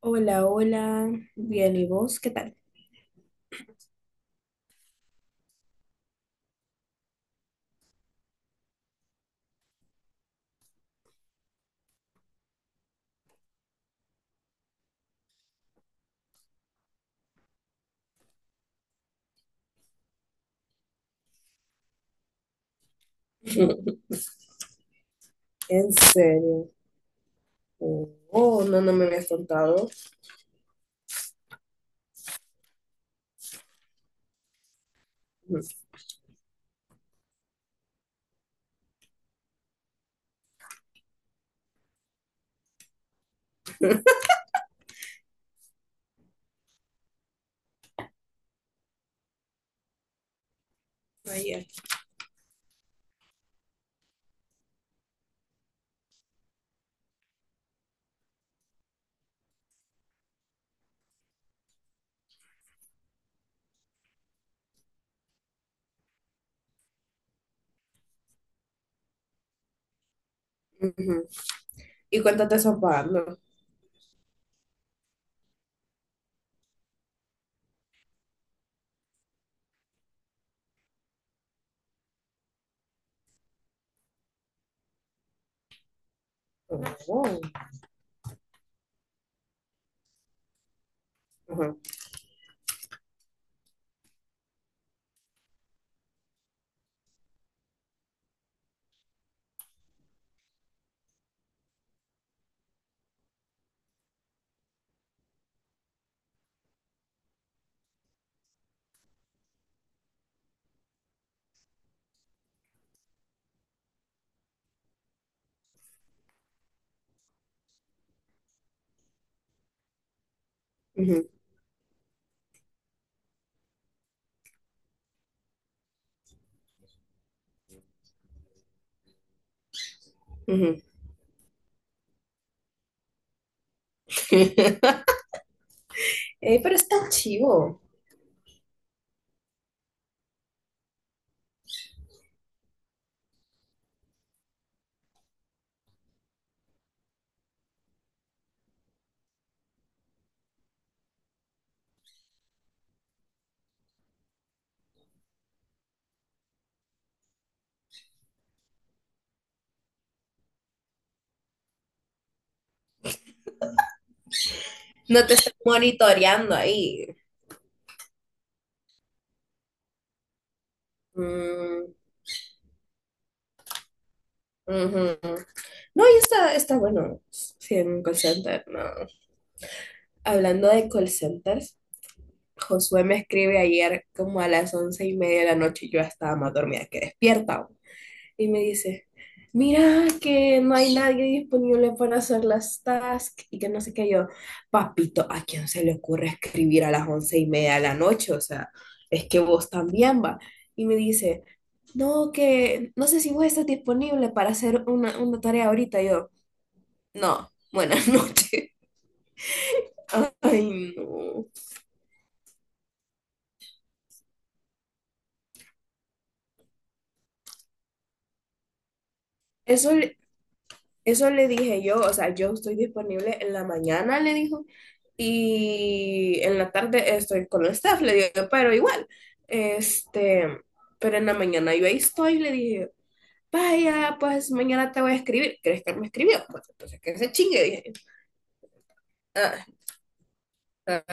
Hola, hola. Bien, ¿y vos qué tal? En serio. Oh, no, no me habías contado. Ujú. Ayer. Ujú. Y cuéntate eso pagando. Oh, ajá, ujú, ujú. Ey, pero está chivo. No te están monitoreando ahí. Mm, ujú. No, y está, está bueno. Sí, en un call center, no. Hablando de call centers, Josué me escribe ayer como a las once y media de la noche y yo estaba más dormida que despierta. Y me dice, mira que no hay nadie disponible para hacer las tasks y que no sé qué yo, papito, ¿a quién se le ocurre escribir a las once y media de la noche? O sea, es que vos también va. Y me dice, no, que no sé si vos estás disponible para hacer una tarea ahorita. Y yo, no, buenas noches. Ay, no. Eso, Eso le dije yo, o sea, yo estoy disponible en la mañana, le dijo, y en la tarde estoy con el staff, le digo, pero igual, este, pero en la mañana yo ahí estoy, le dije, vaya, pues mañana te voy a escribir, ¿crees que me escribió? Pues entonces que se chingue, dije, ah,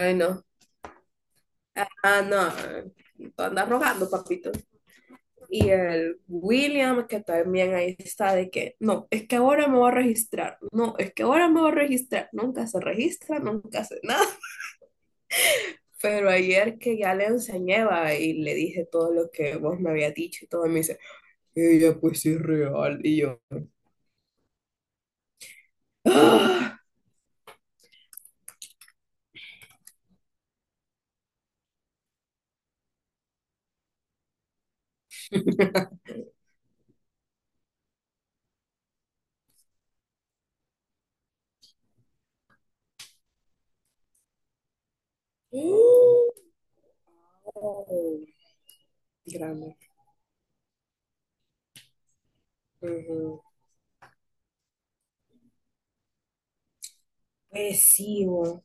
ay no, ah no, tú andas rogando, papito. Y el William, que también ahí está, de que, no, es que ahora me voy a registrar, no, es que ahora me voy a registrar, nunca se registra, nunca hace nada. Pero ayer que ya le enseñé va, y le dije todo lo que vos me habías dicho y todo, me dice, ella pues sí es real. Y yo, ¡ah! ¡Uh! Oh, drama. Ujú. Pues sí, vos.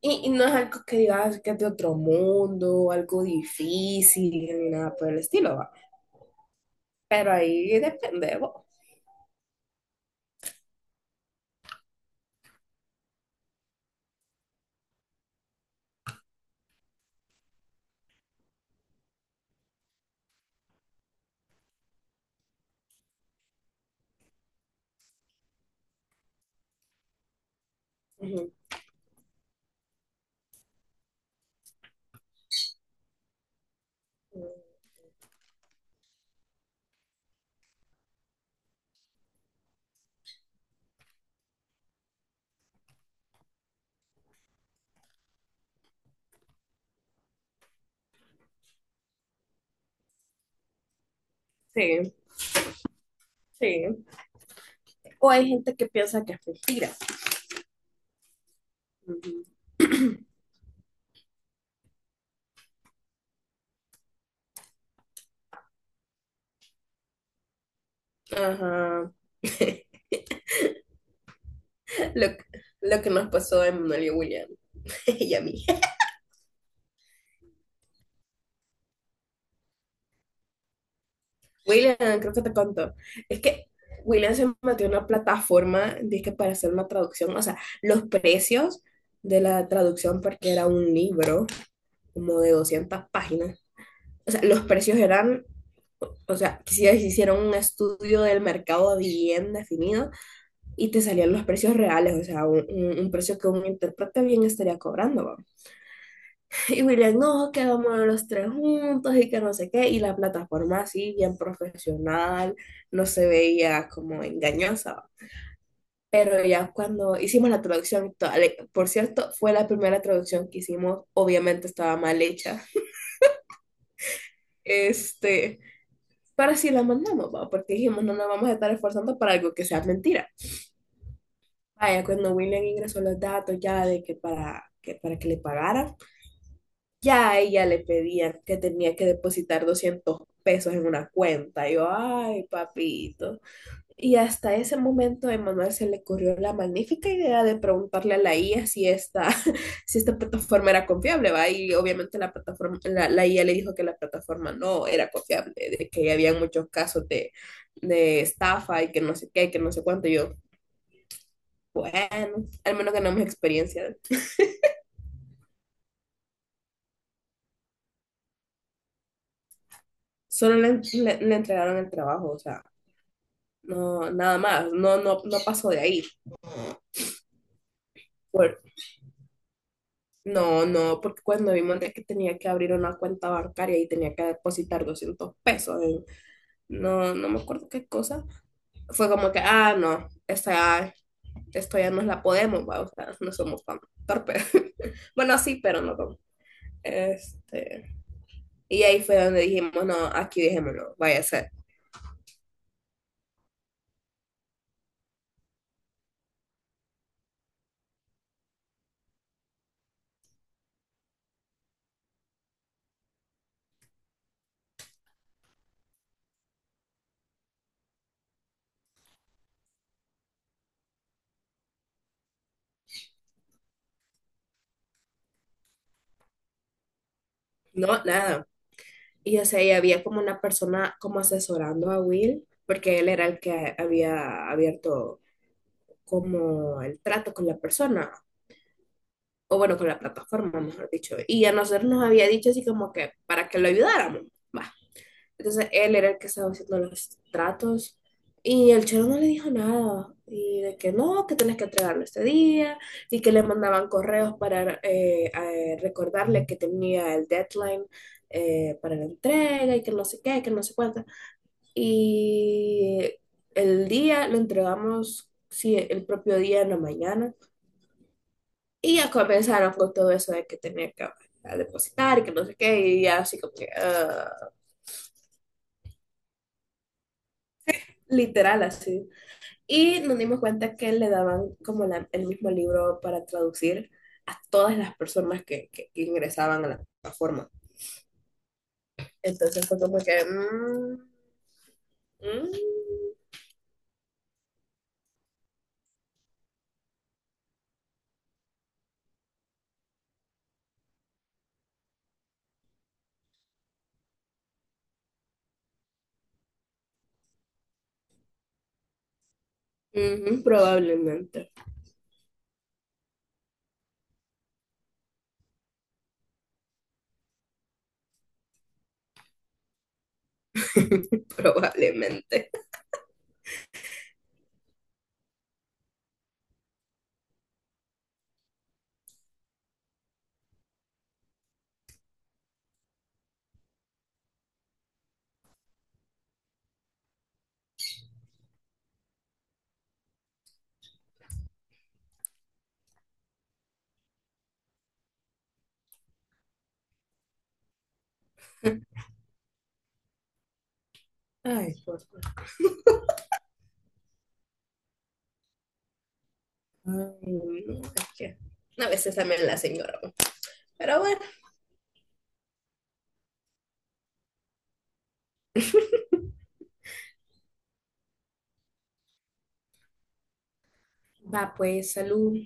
Y no es algo que digas que es de otro mundo, algo difícil, ni nada por el estilo, va. Pero ahí depende, de vos. Ujú. Sí, sí. O hay gente que piensa que es mentira. Ujú. Ajá. lo, lo que nos pasó a Emanuel y William y a mí. William, creo que te contó. Es que William se metió en una plataforma dizque para hacer una traducción. O sea, los precios de la traducción, porque era un libro como de 200 páginas. O sea, los precios eran, o sea, si hicieron un estudio del mercado bien definido y te salían los precios reales, o sea, un precio que un intérprete bien estaría cobrando. Y William, no, que vamos a los tres juntos y que no sé qué. Y la plataforma así, bien profesional, no se veía como engañosa. Pero ya cuando hicimos la traducción, por cierto, fue la primera traducción que hicimos, obviamente estaba mal hecha. Este, pero así la mandamos, ¿va? Porque dijimos, no nos vamos a estar esforzando para algo que sea mentira. Vaya, cuando William ingresó los datos ya de que que para que le pagaran. Ya a ella le pedían que tenía que depositar 200 pesos en una cuenta. Y yo, ay, papito. Y hasta ese momento a Emanuel se le ocurrió la magnífica idea de preguntarle a la IA si esta plataforma era confiable, ¿va? Y obviamente la plataforma, la IA le dijo que la plataforma no era confiable, de que había muchos casos de estafa y que no sé qué, que no sé cuánto. Y yo, bueno, al menos ganamos experiencia. Solo le entregaron el trabajo, o sea. No, nada más, no, no, no pasó de ahí. Por- no, no, porque cuando vi monté que tenía que abrir una cuenta bancaria y tenía que depositar 200 pesos, no, no me acuerdo qué cosa, fue como que, ah, no, esta, esto ya nos la podemos, va, o sea, no somos tan torpes. Bueno, sí, pero no tan- Este, y ahí fue donde dijimos, no, aquí dejémoslo, vaya a ser. No, nada. Y o sea, y había como una persona como asesorando a Will, porque él era el que había abierto como el trato con la persona, o bueno, con la plataforma, mejor dicho. Y a nosotros nos había dicho así como que para que lo ayudáramos. Va. Entonces él era el que estaba haciendo los tratos y el chero no le dijo nada. Y de que no, que tenés que entregarlo este día, y que le mandaban correos para recordarle que tenía el deadline para la entrega y que no sé qué, que no sé cuánto, y el día lo entregamos, sí, el propio día en la mañana. Y ya comenzaron con todo eso de que tenía que a depositar y que no sé qué, y ya así como que, ah, literal así. Y nos dimos cuenta que le daban como el mismo libro para traducir a todas las personas que, que ingresaban a la plataforma. Entonces fue como que, mm, mm, ujú, probablemente, probablemente. Ay, por favor. Ay, no, es que a veces también la señora. Pero bueno, va pues, salud.